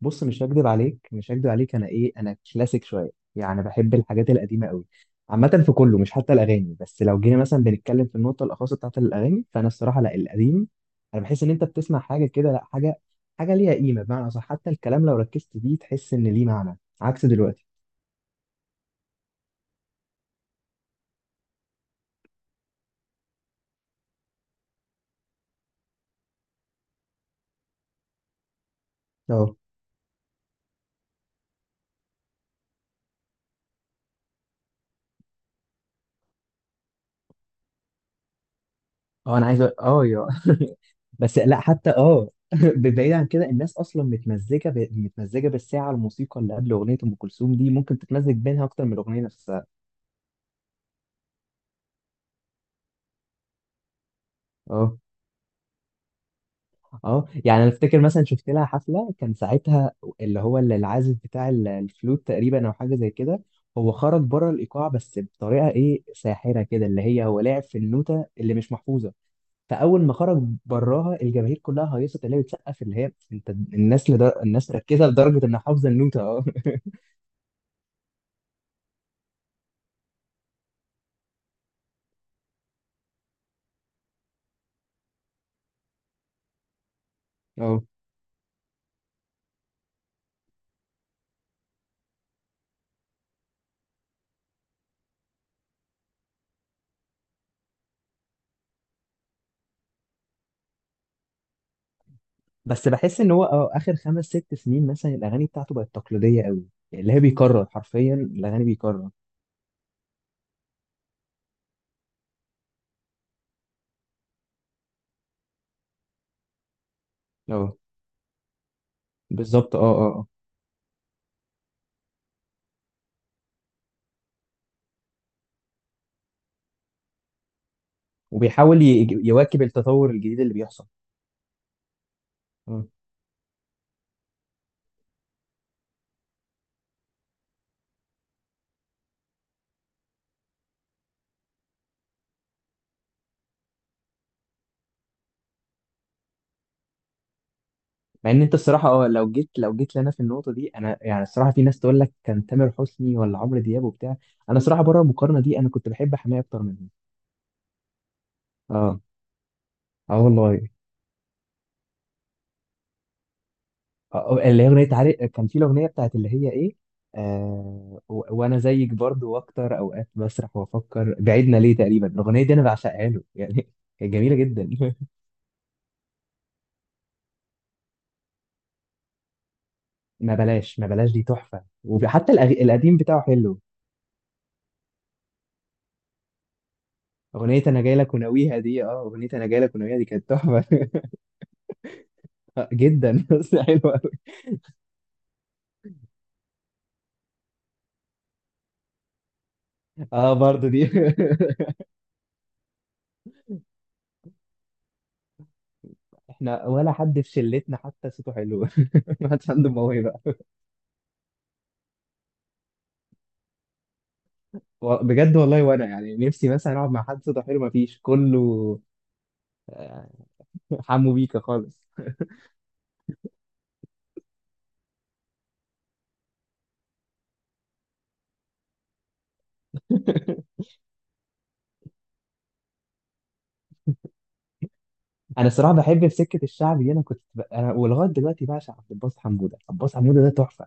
بص، مش هكدب عليك، انا كلاسيك شويه. يعني بحب الحاجات القديمه قوي. عامه في كله، مش حتى الاغاني، بس لو جينا مثلا بنتكلم في النقطه الاخاصه بتاعت الاغاني فانا الصراحه لا، القديم. انا بحس ان انت بتسمع حاجه كده، لا، حاجه ليها قيمه، بمعنى اصح. حتى الكلام لو ركزت فيه تحس ان ليه معنى، عكس دلوقتي. اه اه انا عايز يا بس لا، حتى بعيد عن كده، الناس اصلا متمزجه متمزجه بالساعه، الموسيقى اللي قبل اغنيه ام كلثوم دي ممكن تتمزج بينها اكتر من الاغنيه نفسها. اه اه يعني انا افتكر مثلا شفت لها حفله، كان ساعتها اللي هو اللي العازف بتاع الفلوت تقريبا، او حاجه زي كده. هو خرج بره الايقاع، بس بطريقه ايه، ساحره كده، اللي هي هو لعب في النوته اللي مش محفوظه. فاول ما خرج براها الجماهير كلها هيصت، اللي هي بتسقف، اللي هي انت الناس ركزت لدرجه انها حافظه النوته. اه. اه بس بحس ان هو اه، اخر خمس ست سنين مثلا الاغاني بتاعته بقت تقليديه قوي، اللي هي بيكرر حرفيا الاغاني، بيكرر. اه، بالظبط، اه اه اه. وبيحاول يواكب التطور الجديد اللي بيحصل. مم. مع ان انت الصراحه، لو جيت لنا في النقطه دي، انا يعني الصراحه، في ناس تقول لك كان تامر حسني ولا عمرو دياب وبتاع. انا الصراحه بره المقارنه دي، انا كنت بحب حماية اكتر منهم. اه، اه والله. اه، اللي هي اغنيه، عارف، كان في الاغنيه بتاعت اللي هي ايه؟ آه وانا زيك برضو، واكتر اوقات بسرح وافكر بعيدنا ليه. تقريبا الاغنيه دي انا بعشقها له، يعني هي جميله جدا. ما بلاش، ما بلاش دي تحفه، وحتى القديم بتاعه حلو. اغنيه انا جاي لك وناويها دي، اغنيه انا جاي لك وناويها دي كانت تحفه. آه، جدا. بس حلوه قوي. اه، برضو دي. احنا ولا حد في شلتنا حتى صوته حلو. ما حدش عنده موهبه. بجد والله، وانا يعني نفسي مثلا اقعد مع حد صوته حلو، ما فيش كله. آه، حمو بيكا خالص. انا الصراحه بحب في سكه الشعب دي، انا ولغايه دلوقتي بعشق عبد الباسط حموده. عبد الباسط حموده ده تحفه.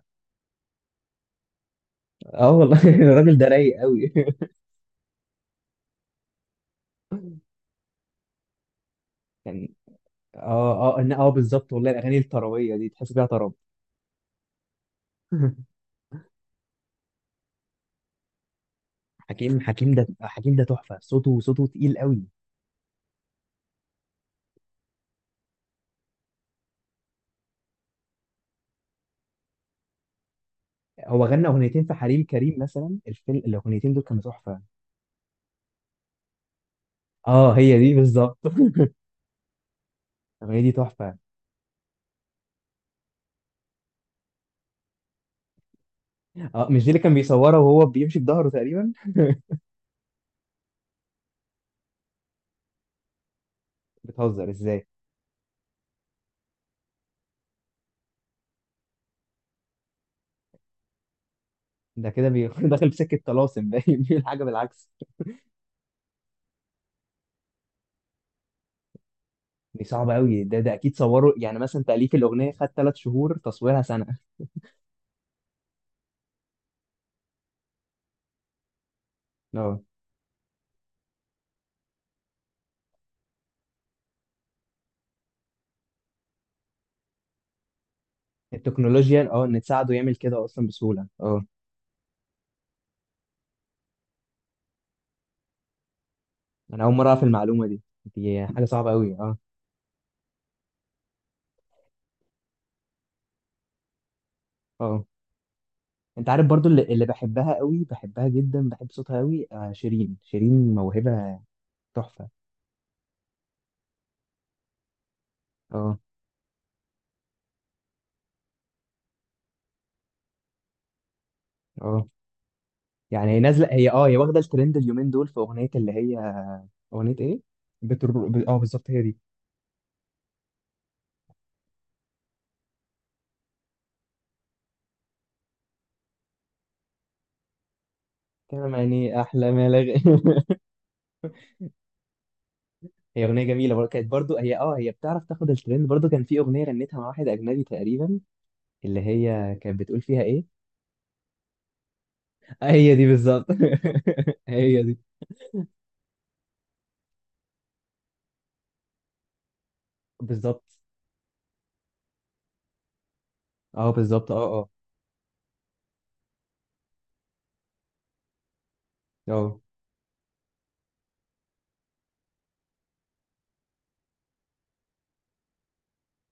اه والله. الراجل ده رايق قوي. كان بالظبط والله، الاغاني الطربيه دي تحس فيها طرب. حكيم، حكيم ده، حكيم ده تحفه، صوته، صوته تقيل قوي. هو غنى اغنيتين في حريم كريم مثلا، الفيلم، الاغنيتين دول كانوا تحفه. اه، هي دي بالظبط. الاغنيه دي تحفه. اه، مش دي اللي كان بيصورها وهو بيمشي بظهره تقريبا؟ بتهزر ازاي؟ ده كده داخل في سكه طلاسم باين. بيقول حاجه بالعكس؟ دي صعبه قوي. ده اكيد صوره، يعني مثلا تاليف الاغنيه خد 3 شهور، تصويرها سنه. اه، التكنولوجيا، اه، ان تساعده يعمل كده اصلا بسهوله. اه، انا اول مره اعرف المعلومه دي، دي حاجه صعبه قوي. اه، اه انت عارف برضو اللي بحبها قوي، بحبها جدا، بحب صوتها قوي؟ آه، شيرين. شيرين موهبة، تحفة. اه اه يعني هي نازلة، هي واخدة الترند اليومين دول في أغنية اللي هي، أغنية ايه؟ بتر... ب- اه بالظبط، هي دي. كلام، يعني أحلى ما هي أغنية جميلة برضو، كانت برضو، هي بتعرف تاخد الترند. برضو كان في أغنية غنتها مع واحد أجنبي تقريبا، اللي هي كانت بتقول فيها ايه؟ آه، هي دي بالظبط. هي دي، بالظبط، اه بالظبط اه اه اه.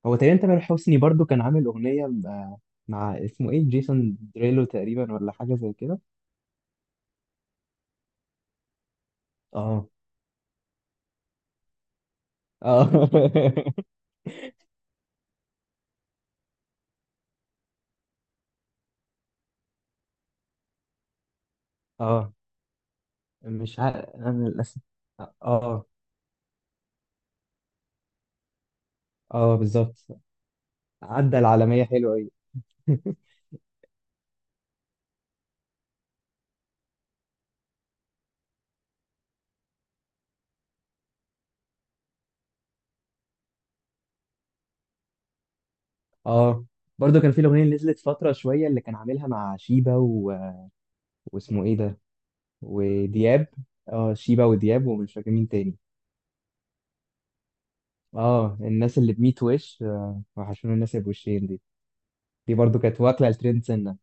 هو تقريبا تامر حسني برضو كان عامل أغنية مع اسمه إيه، جيسون دريلو تقريبا، ولا حاجة زي كده. اه اه اه مش عارف أنا للأسف. اه، اه بالظبط. عدى العالمية حلوة أوي. اه، برضو كان في الأغنية اللي نزلت فترة شوية، اللي كان عاملها مع شيبة واسمه إيه ده، ودياب. اه، شيبة ودياب، ومش فاكر مين تاني. اه، الناس اللي بميت وش، آه، وحشونا الناس اللي بوشين دي. دي برضو كانت واكلة الترند سنة.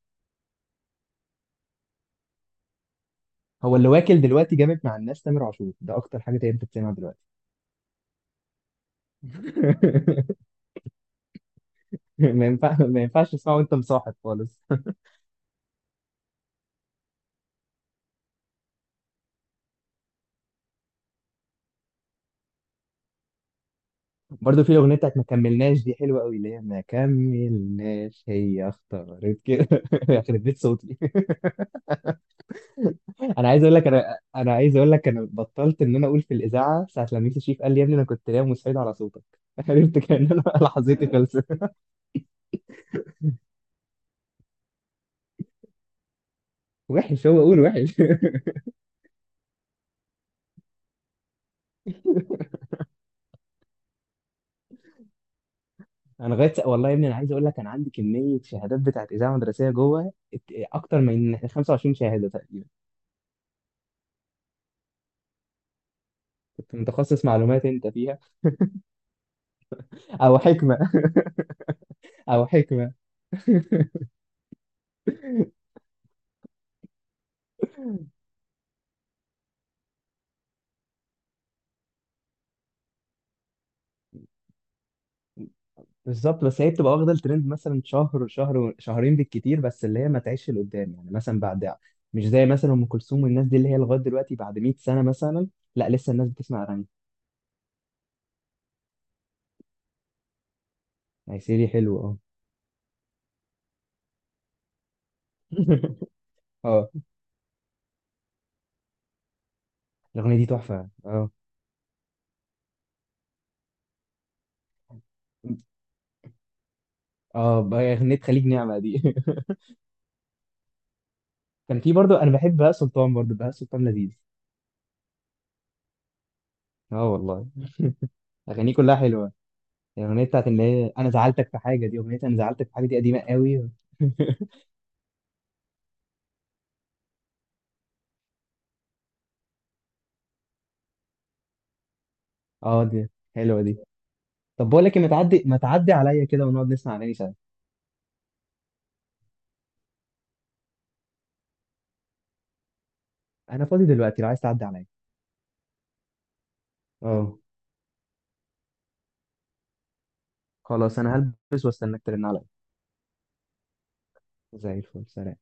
هو اللي واكل دلوقتي جامد مع الناس تامر عاشور، ده اكتر حاجه تقدر تسمعها دلوقتي. ما ينفعش تسمعه وانت مصاحب خالص. برضه في الاغنيه بتاعت ما كملناش دي حلوه قوي، اللي هي ما كملناش، هي اختارت كده. يخرب بيت صوتي. انا عايز اقول لك انا بطلت ان انا اقول في الاذاعه ساعه لما يوسف شريف قال لي يا ابني، انا كنت نايم وصحيت على صوتك. عرفت كان انا. لحظتي خلصت. وحش، هو قول وحش. انا لغايه والله يا ابني، انا عايز اقول لك انا عندي كميه شهادات بتاعت اذاعه مدرسيه جوه، اكتر من 25 شهاده تقريبا، كنت متخصص معلومات انت فيها، او حكمه. او حكمه. بالظبط، بس هي بتبقى واخده الترند مثلا شهر، شهرين بالكتير، بس اللي هي ما تعيش لقدام يعني مثلا بعد. مش زي مثلا ام كلثوم والناس دي، اللي هي لغايه دلوقتي بعد 100 سنه مثلا، لا، لسه الناس بتسمع اغاني. هيسيري حلو، اه. اه، الاغنيه دي تحفه. اه اه بقى اغنيه خليج نعمه دي. كان في برضو، انا بحب بهاء سلطان، برضو بهاء سلطان لذيذ. اه والله. اغانيه كلها حلوه. الاغنيه بتاعت اللي هي انا زعلتك في حاجه دي، اغنيه انا زعلتك في حاجه دي قديمه قوي. اه، دي حلوه دي. طب بقول لك إيه، ما تعدي عليا كده ونقعد نسمع اغاني سوا. انا فاضي دلوقتي لو عايز تعدي عليا. اه، خلاص، انا هلبس واستناك ترن عليا. زي الفل، سلام.